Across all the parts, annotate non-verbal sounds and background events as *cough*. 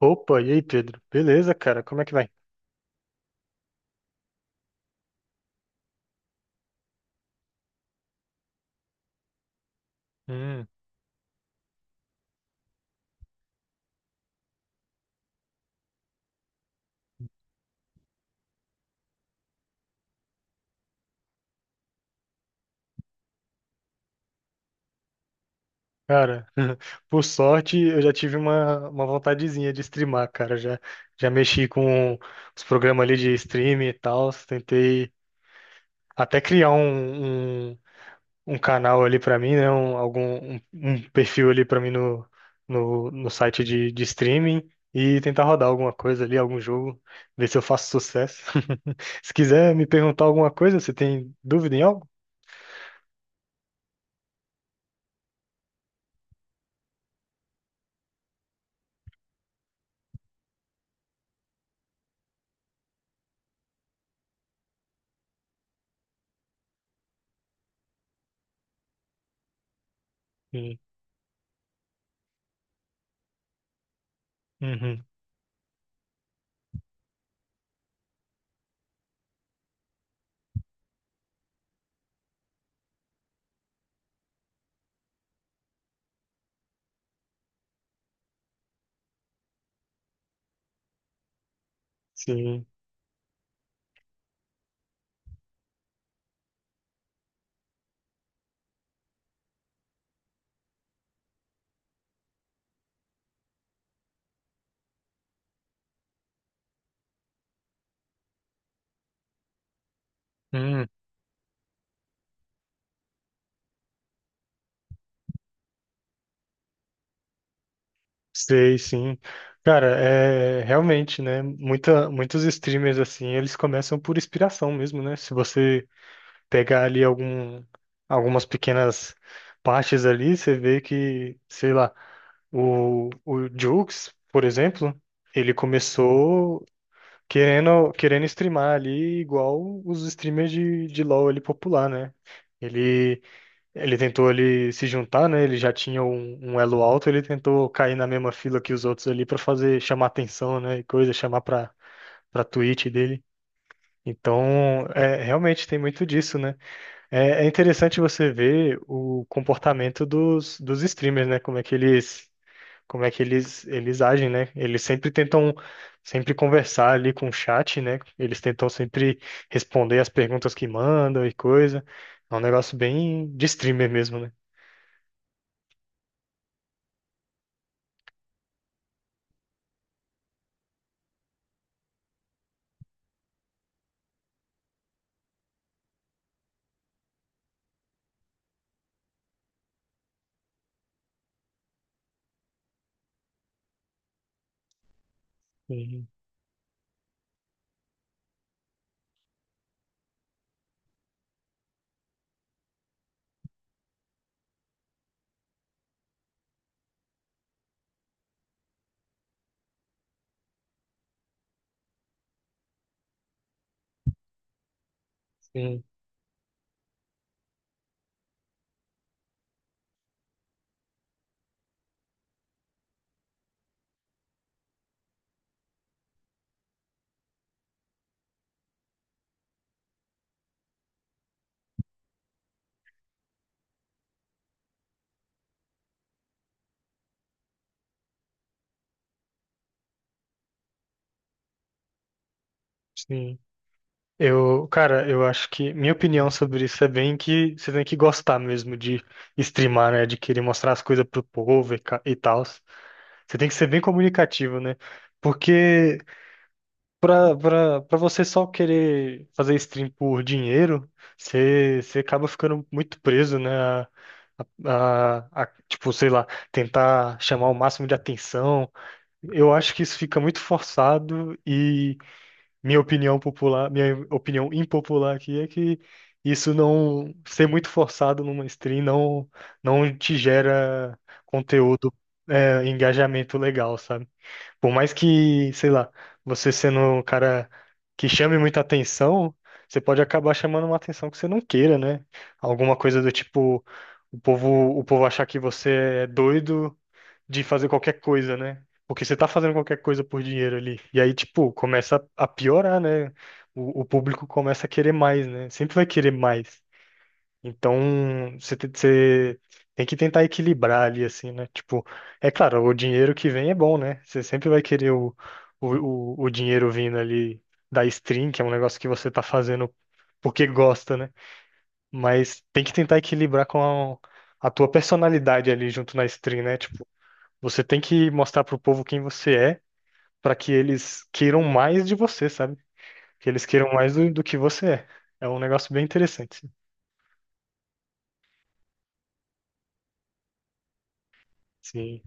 Opa, e aí, Pedro? Beleza, cara? Como é que vai? Hum, cara, *laughs* por sorte eu já tive uma vontadezinha de streamar, cara. Já, já mexi com os programas ali de streaming e tal. Tentei até criar um canal ali pra mim, né? Um perfil ali pra mim no site de streaming e tentar rodar alguma coisa ali, algum jogo, ver se eu faço sucesso. *laughs* Se quiser me perguntar alguma coisa, você tem dúvida em algo? Sim. Uhum. Sim. Hum, sei, sim. Cara, é realmente, né? Muita, muitos streamers assim, eles começam por inspiração mesmo, né? Se você pegar ali algum, algumas pequenas partes ali, você vê que, sei lá, o Jukes, por exemplo, ele começou querendo streamar ali igual os streamers de LoL ali popular, né? Ele, ele tentou ali se juntar, né? Ele já tinha um elo alto, ele tentou cair na mesma fila que os outros ali para fazer chamar atenção, né? E coisa, chamar para Twitch dele. Então, é, realmente tem muito disso, né? É, é interessante você ver o comportamento dos streamers, né? Como é que eles, como é que eles agem, né? Eles sempre tentam sempre conversar ali com o chat, né? Eles tentam sempre responder as perguntas que mandam e coisa. É um negócio bem de streamer mesmo, né? Sim, sim, sim. Eu, cara, eu acho que minha opinião sobre isso é bem que você tem que gostar mesmo de streamar, né? De querer mostrar as coisas pro povo e, e tal. Você tem que ser bem comunicativo, né? Porque para você só querer fazer stream por dinheiro, você acaba ficando muito preso, né? A, tipo, sei lá, tentar chamar o máximo de atenção. Eu acho que isso fica muito forçado e minha opinião popular, minha opinião impopular aqui é que isso não ser muito forçado numa stream não te gera conteúdo, é, engajamento legal, sabe? Por mais que, sei lá, você sendo um cara que chame muita atenção, você pode acabar chamando uma atenção que você não queira, né? Alguma coisa do tipo, o povo achar que você é doido de fazer qualquer coisa, né? Porque você tá fazendo qualquer coisa por dinheiro ali. E aí, tipo, começa a piorar, né? O público começa a querer mais, né? Sempre vai querer mais. Então, você tem que tentar equilibrar ali, assim, né? Tipo, é claro, o dinheiro que vem é bom, né? Você sempre vai querer o, o dinheiro vindo ali da stream, que é um negócio que você tá fazendo porque gosta, né? Mas tem que tentar equilibrar com a tua personalidade ali junto na stream, né? Tipo, você tem que mostrar pro povo quem você é, pra que eles queiram mais de você, sabe? Que eles queiram mais do que você é. É um negócio bem interessante. Sim.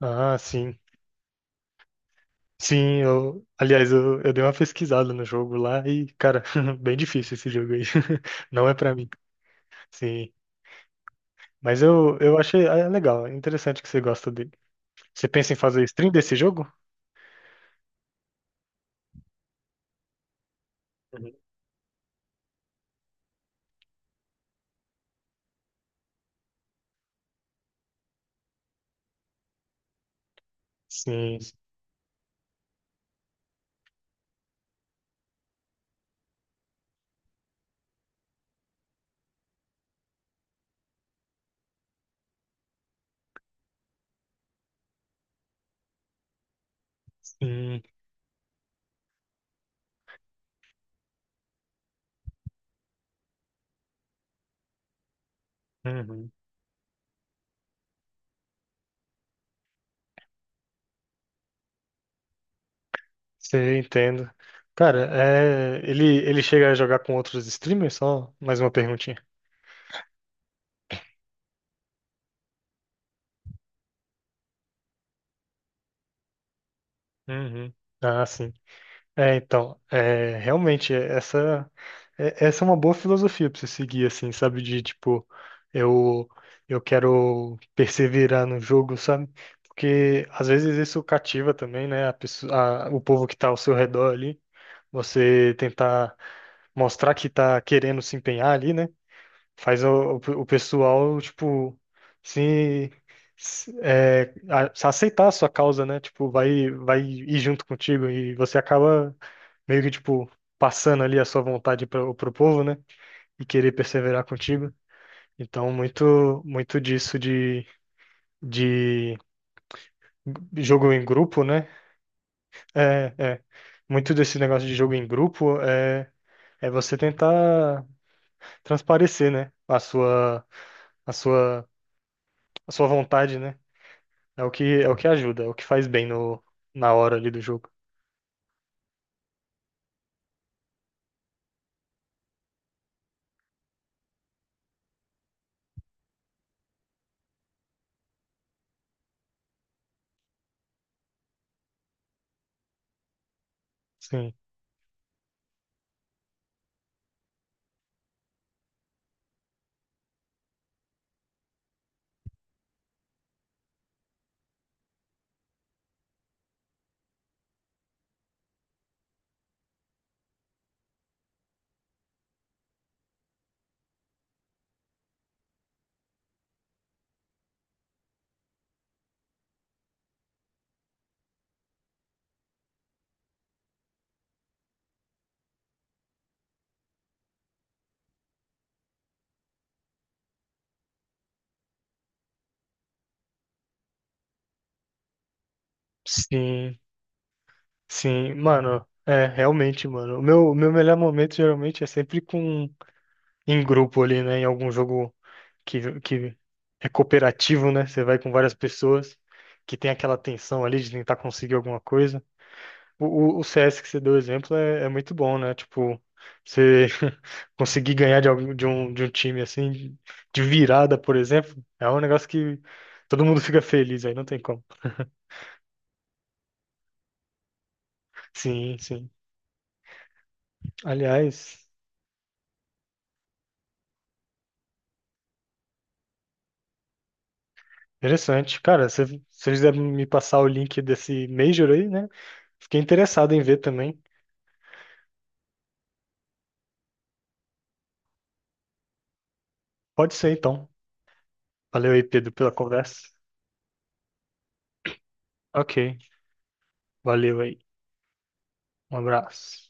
Ah, sim. Sim, eu, aliás, eu dei uma pesquisada no jogo lá e, cara, *laughs* bem difícil esse jogo aí. *laughs* Não é pra mim. Sim, mas eu achei ah, é legal, é interessante que você gosta dele. Você pensa em fazer stream desse jogo? Uhum. Sim, sim. Uhum. Você entendo. Cara, é, ele chega a jogar com outros streamers? Só mais uma perguntinha. Uhum. Ah, sim. É, então, é, realmente, essa é uma boa filosofia pra você seguir, assim, sabe? De, tipo, eu, eu quero perseverar no jogo, sabe? Porque, às vezes, isso cativa também, né? A pessoa, o povo que tá ao seu redor ali. Você tentar mostrar que tá querendo se empenhar ali, né? Faz o pessoal, tipo, se... se aceitar a sua causa, né? Tipo, vai, vai ir junto contigo e você acaba meio que, tipo, passando ali a sua vontade para o povo, né? E querer perseverar contigo. Então, muito disso de jogo em grupo, né? É, é. Muito desse negócio de jogo em grupo é, é você tentar transparecer, né? A sua, a sua vontade, né? É o que ajuda, é o que faz bem no, na hora ali do jogo. Sim, sim, sim, mano. É, realmente, mano. O meu melhor momento geralmente é sempre com em grupo ali, né? Em algum jogo que é cooperativo, né? Você vai com várias pessoas que tem aquela tensão ali de tentar conseguir alguma coisa. O, o CS que você deu exemplo é, é muito bom, né? Tipo, você *laughs* conseguir ganhar de, algum, de um time assim, de virada, por exemplo, é um negócio que todo mundo fica feliz aí, não tem como. Sim, sim. Aliás. Interessante, cara. Se você quiser me passar o link desse Major aí, né? Fiquei interessado em ver também. Pode ser, então. Valeu aí, Pedro, pela conversa. Ok, valeu aí. Um abraço.